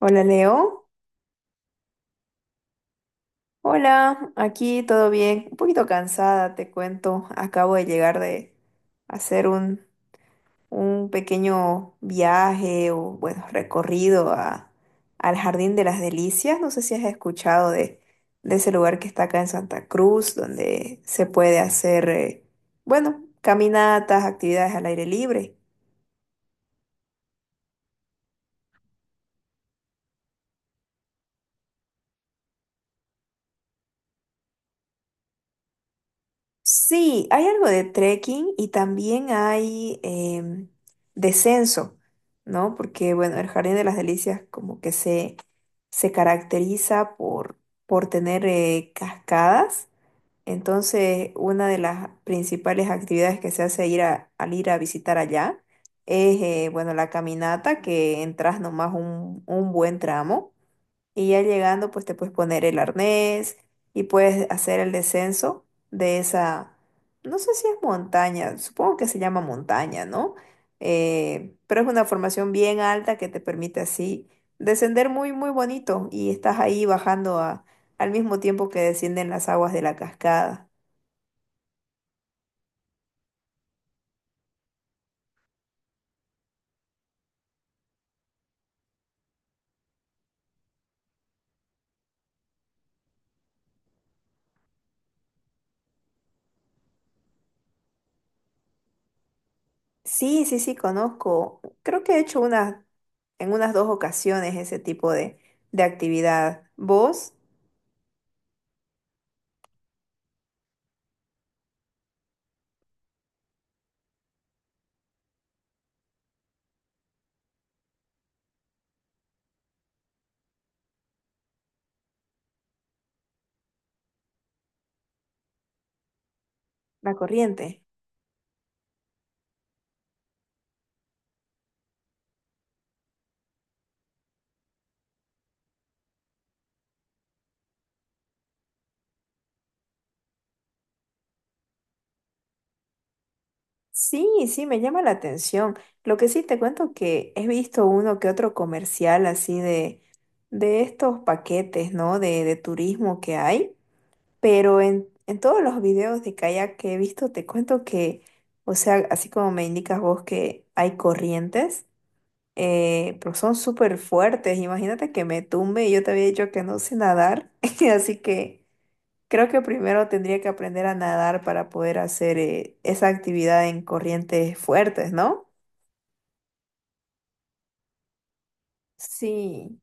Hola Leo, hola, aquí todo bien, un poquito cansada, te cuento, acabo de llegar de hacer un pequeño viaje o bueno, recorrido al Jardín de las Delicias, no sé si has escuchado de ese lugar que está acá en Santa Cruz, donde se puede hacer, bueno, caminatas, actividades al aire libre. Sí, hay algo de trekking y también hay descenso, ¿no? Porque, bueno, el Jardín de las Delicias como que se caracteriza por tener cascadas. Entonces, una de las principales actividades que se hace al ir a visitar allá es, bueno, la caminata, que entras nomás un buen tramo. Y ya llegando, pues te puedes poner el arnés y puedes hacer el descenso de no sé si es montaña, supongo que se llama montaña, ¿no? Pero es una formación bien alta que te permite así descender muy, muy bonito y estás ahí al mismo tiempo que descienden las aguas de la cascada. Sí, sí, sí, conozco. Creo que he hecho en unas dos ocasiones ese tipo de actividad. ¿Vos? La corriente. Sí, sí, me llama la atención. Lo que sí te cuento que he visto uno que otro comercial así de estos paquetes, ¿no? De turismo que hay, pero en todos los videos de kayak que he visto, te cuento que, o sea, así como me indicas vos que hay corrientes, pero son súper fuertes. Imagínate que me tumbe y yo te había dicho que no sé nadar, así que... Creo que primero tendría que aprender a nadar para poder hacer esa actividad en corrientes fuertes, ¿no? Sí,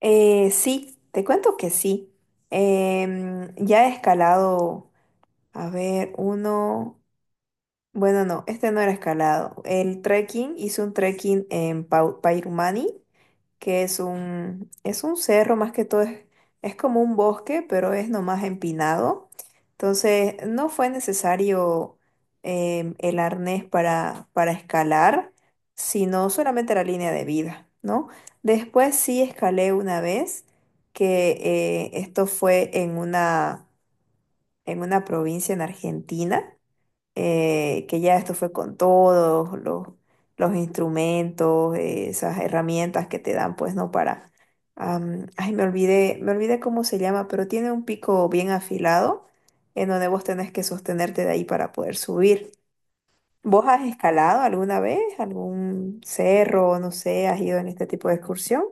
sí, te cuento que sí. Ya he escalado, a ver, uno. Bueno, no, este no era escalado. El trekking, hice un trekking en Pairumani, que es es un cerro más que todo, es como un bosque, pero es nomás empinado. Entonces, no fue necesario el arnés para escalar, sino solamente la línea de vida, ¿no? Después sí escalé una vez, que esto fue en en una provincia en Argentina que ya esto fue con todos los instrumentos, esas herramientas que te dan, pues, ¿no? Para, me olvidé cómo se llama, pero tiene un pico bien afilado en donde vos tenés que sostenerte de ahí para poder subir. ¿Vos has escalado alguna vez algún cerro, no sé, has ido en este tipo de excursión?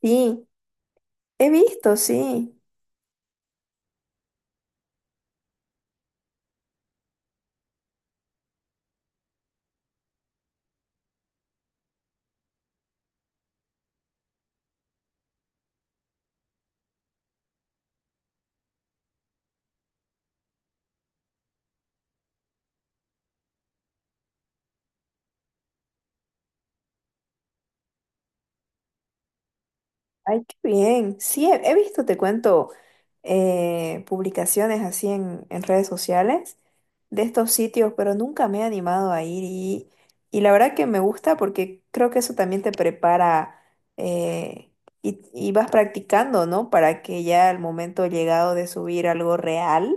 Sí, he visto, sí. Ay, qué bien. Sí, he visto, te cuento, publicaciones así en redes sociales de estos sitios, pero nunca me he animado a ir y la verdad que me gusta porque creo que eso también te prepara eh, y vas practicando, ¿no? Para que ya al momento llegado de subir algo real,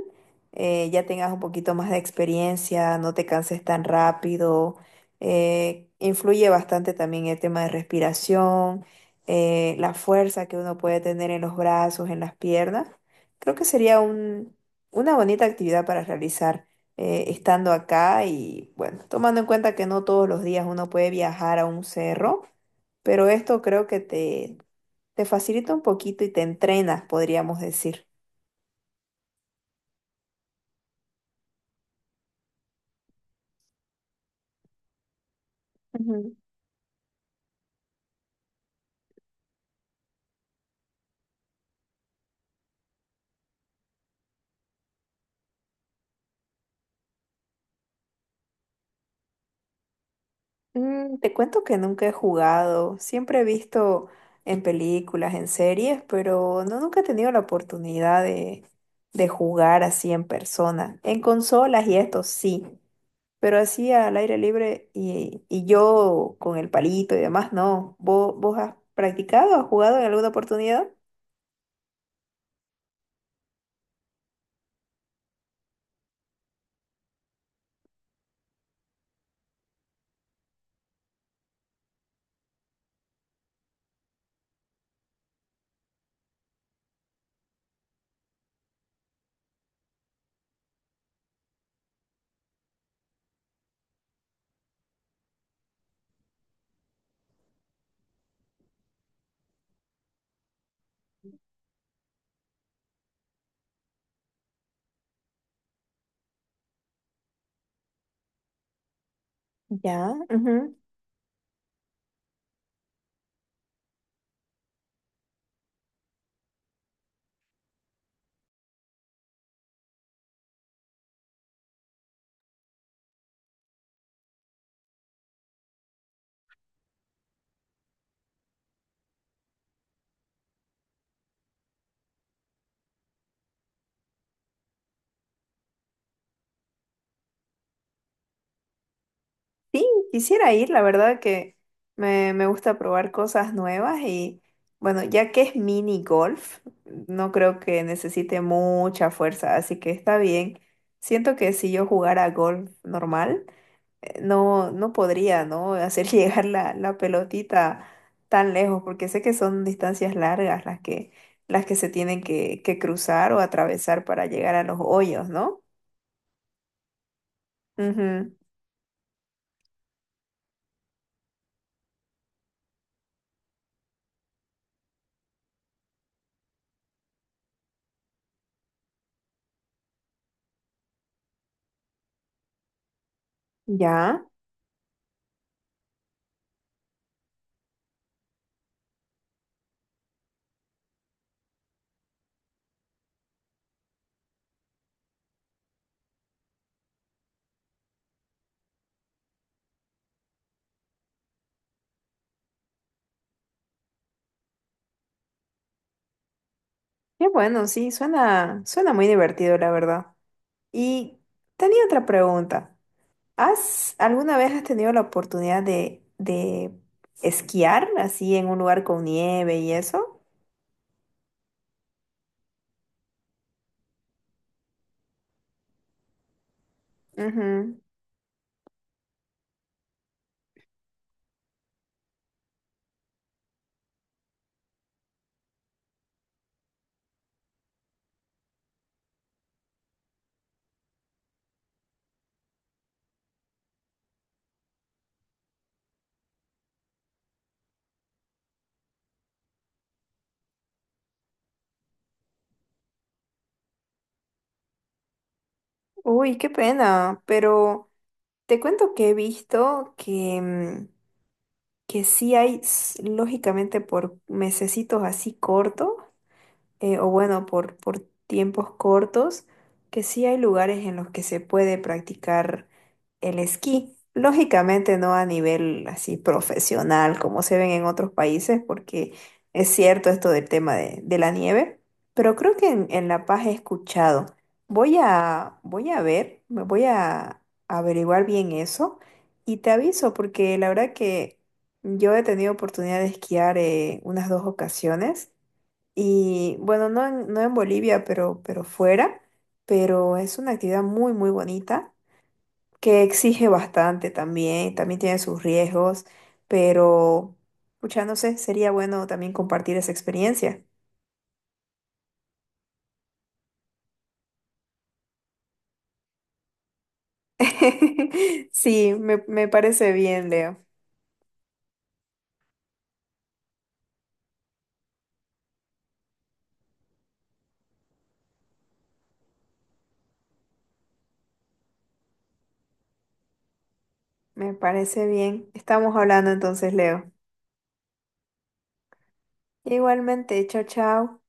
ya tengas un poquito más de experiencia, no te canses tan rápido. Influye bastante también el tema de respiración, la fuerza que uno puede tener en los brazos, en las piernas, creo que una bonita actividad para realizar estando acá y bueno, tomando en cuenta que no todos los días uno puede viajar a un cerro, pero esto creo que te facilita un poquito y te entrenas, podríamos decir. Ujú. Mm, te cuento que nunca he jugado, siempre he visto en películas, en series, pero no, nunca he tenido la oportunidad de jugar así en persona. En consolas y esto sí, pero así al aire libre y yo con el palito y demás, no. Vos has practicado, has jugado en alguna oportunidad? Ya. Sí, quisiera ir, la verdad que me gusta probar cosas nuevas y bueno, ya que es mini golf, no creo que necesite mucha fuerza, así que está bien. Siento que si yo jugara golf normal, no, no podría, ¿no? Hacer llegar la pelotita tan lejos, porque sé que son distancias largas las que se tienen que cruzar o atravesar para llegar a los hoyos, ¿no? Ujú. Ya. Qué bueno, sí, suena, suena muy divertido, la verdad. Y tenía otra pregunta. ¿Has alguna vez has tenido la oportunidad de esquiar así en un lugar con nieve y eso? Ujú. Uy, qué pena, pero te cuento que he visto que, mm, que sí hay, s- lógicamente, por mesecitos así cortos, o bueno, por tiempos cortos, que sí hay lugares en los que se puede practicar el esquí. Lógicamente no a nivel así profesional como se ven en otros países, porque es cierto esto del tema de la nieve, pero creo que en La Paz he escuchado. Voy a ver, me voy a averiguar bien eso y te aviso, porque la verdad que yo he tenido oportunidad de esquiar, unas dos ocasiones. Y bueno, no en Bolivia, pero fuera, pero es una actividad muy, muy bonita que exige bastante también, también tiene sus riesgos, pero, pucha, no sé, sería bueno también compartir esa experiencia. Sí, me parece bien, Leo, me parece bien. Estamos hablando entonces, Leo. Igualmente, chao, chao.